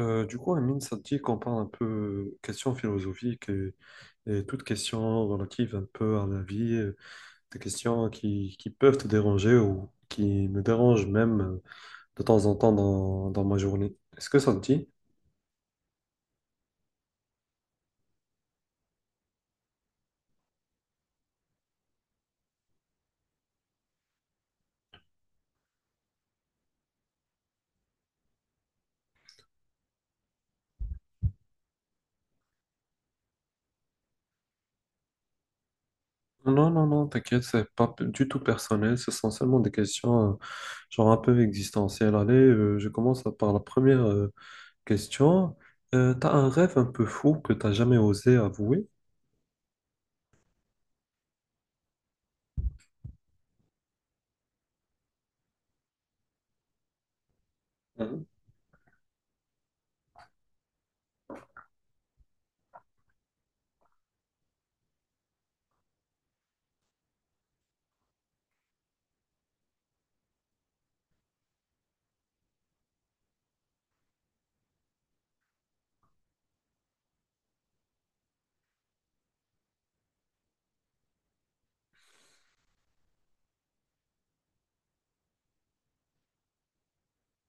Amine, ça te dit qu'on parle un peu questions philosophiques et toutes questions relatives un peu à la vie, des questions qui peuvent te déranger ou qui me dérangent même de temps en temps dans ma journée. Est-ce que ça te dit? Non, non, non, t'inquiète, c'est pas du tout personnel, ce sont seulement des questions genre un peu existentielles. Allez, je commence par la première question. T'as un rêve un peu fou que t'as jamais osé avouer? Mhm.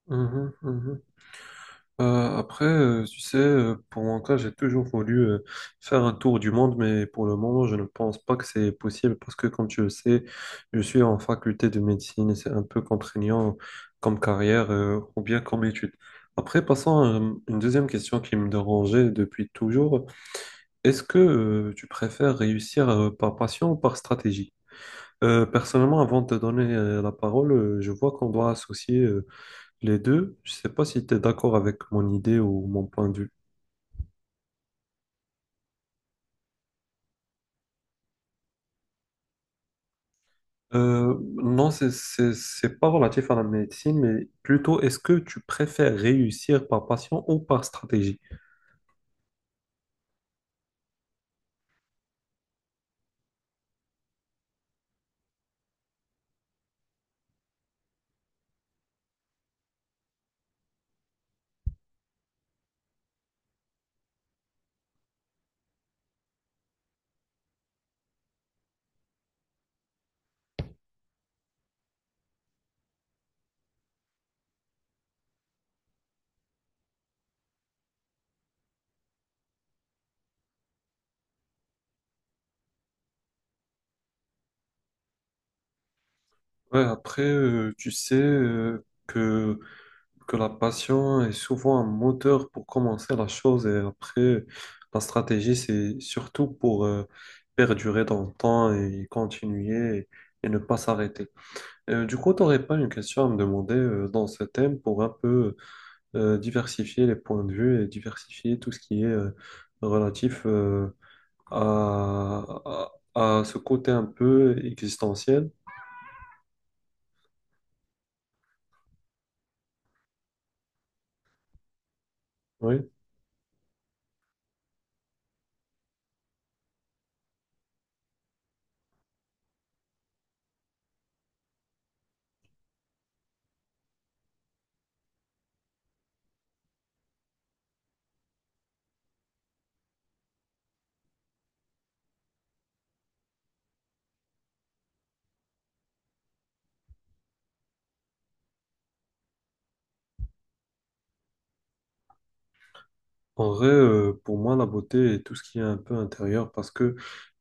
Mhm, mhm. Tu sais, pour mon cas, j'ai toujours voulu faire un tour du monde, mais pour le moment, je ne pense pas que c'est possible parce que, comme tu le sais, je suis en faculté de médecine et c'est un peu contraignant comme carrière ou bien comme étude. Après, passons à une deuxième question qui me dérangeait depuis toujours. Est-ce que tu préfères réussir par passion ou par stratégie? Personnellement, avant de te donner la parole, je vois qu'on doit associer les deux, je sais pas si tu es d'accord avec mon idée ou mon point de vue. Non, c'est pas relatif à la médecine, mais plutôt est-ce que tu préfères réussir par passion ou par stratégie? Ouais, après, tu sais que, que la passion est souvent un moteur pour commencer la chose et après, la stratégie, c'est surtout pour perdurer dans le temps et continuer et ne pas s'arrêter. Tu n'aurais pas une question à me demander dans ce thème pour un peu diversifier les points de vue et diversifier tout ce qui est relatif à ce côté un peu existentiel. Oui. En vrai, pour moi, la beauté est tout ce qui est un peu intérieur parce que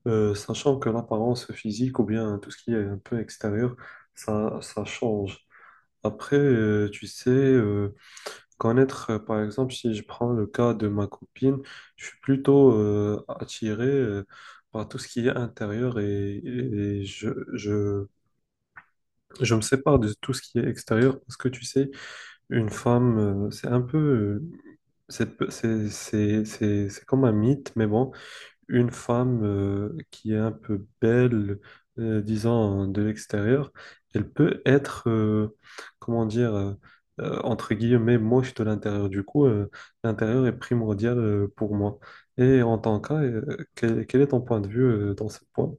sachant que l'apparence physique ou bien tout ce qui est un peu extérieur, ça change. Après, tu sais, connaître, par exemple, si je prends le cas de ma copine, je suis plutôt attiré par tout ce qui est intérieur et, je me sépare de tout ce qui est extérieur parce que tu sais, une femme, c'est un peu, c'est comme un mythe, mais bon, une femme qui est un peu belle, disons, de l'extérieur, elle peut être, comment dire, entre guillemets, moche de l'intérieur. L'intérieur est primordial pour moi. Et en tant que quel est ton point de vue dans ce point?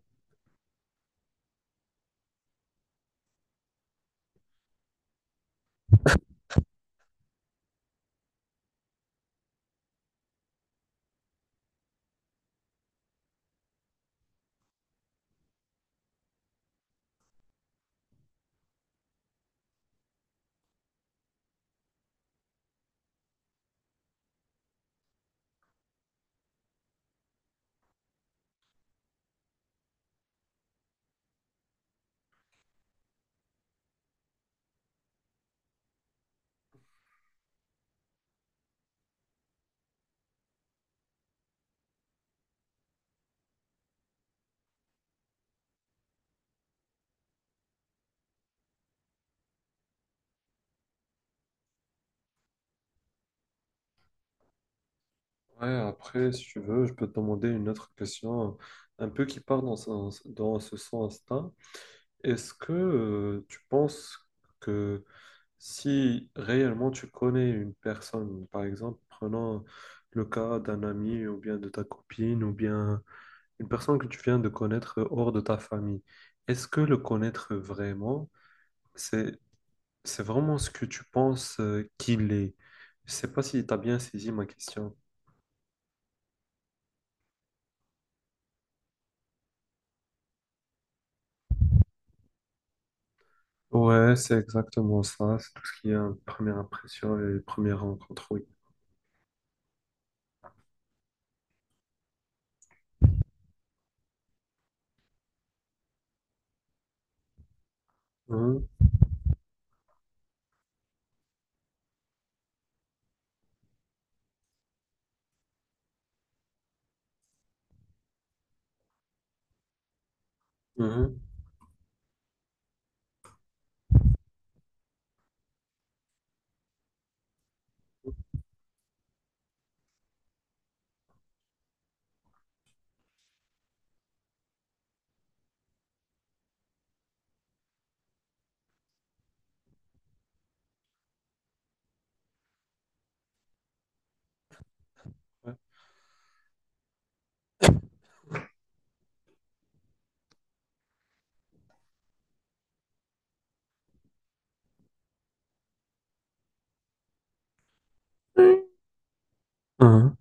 Ouais, après, si tu veux, je peux te demander une autre question un peu qui part dans ce sens-là. Est-ce que tu penses que si réellement tu connais une personne, par exemple, prenons le cas d'un ami ou bien de ta copine ou bien une personne que tu viens de connaître hors de ta famille, est-ce que le connaître vraiment, c'est c'est vraiment ce que tu penses qu'il est? Je sais pas si tu as bien saisi ma question. Ouais, c'est exactement ça. C'est tout ce qui est première impression et première rencontre, oui. Mhm, mhm, ouais. Ouais. Mhm.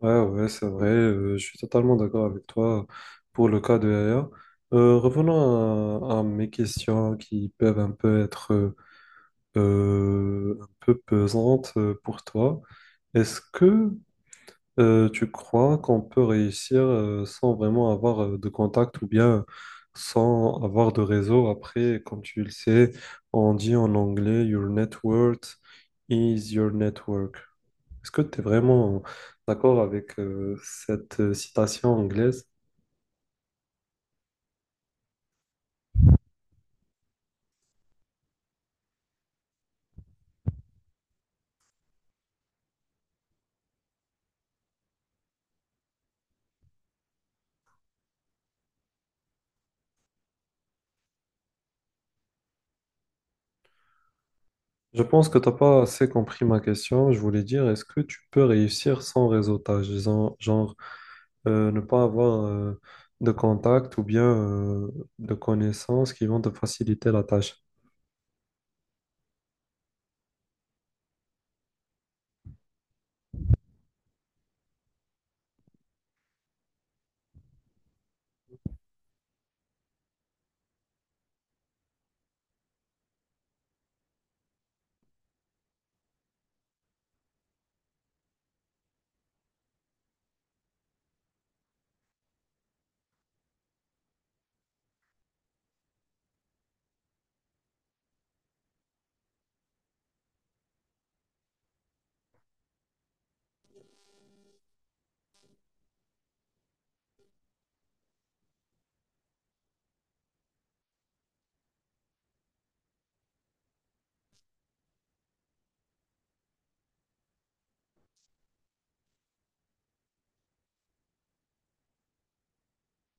Ouais, ouais, c'est vrai, je suis totalement d'accord avec toi pour le cas de Yaya. Revenons à mes questions qui peuvent un peu être un peu pesantes pour toi. Est-ce que tu crois qu'on peut réussir sans vraiment avoir de contact ou bien sans avoir de réseau? Après, comme tu le sais, on dit en anglais, your network is your network. Est-ce que tu es vraiment d'accord avec cette citation anglaise? Je pense que tu n'as pas assez compris ma question. Je voulais dire, est-ce que tu peux réussir sans réseautage? Ne pas avoir de contact ou bien de connaissances qui vont te faciliter la tâche.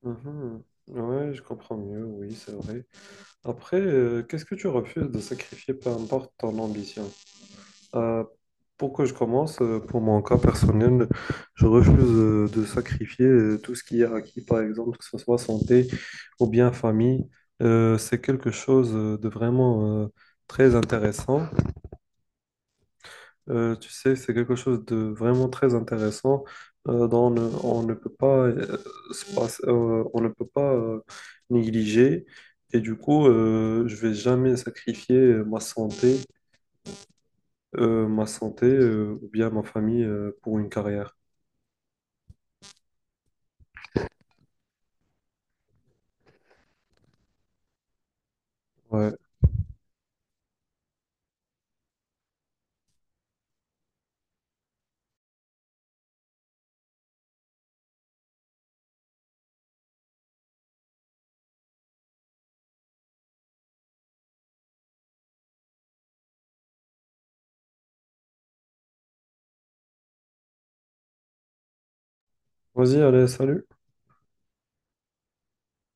Mhm. Ouais, je comprends mieux, oui, c'est vrai. Après, qu'est-ce que tu refuses de sacrifier, peu importe ton ambition? Euh, pour que je commence, pour mon cas personnel, je refuse de sacrifier tout ce qui est acquis, par exemple, que ce soit santé ou bien famille. C'est quelque chose de vraiment très intéressant. Tu sais, c'est quelque chose de vraiment très intéressant dont on ne peut pas, on ne peut pas négliger. Et je vais jamais sacrifier ma santé ou bien ma famille pour une carrière. Ouais. Vas-y, allez, salut.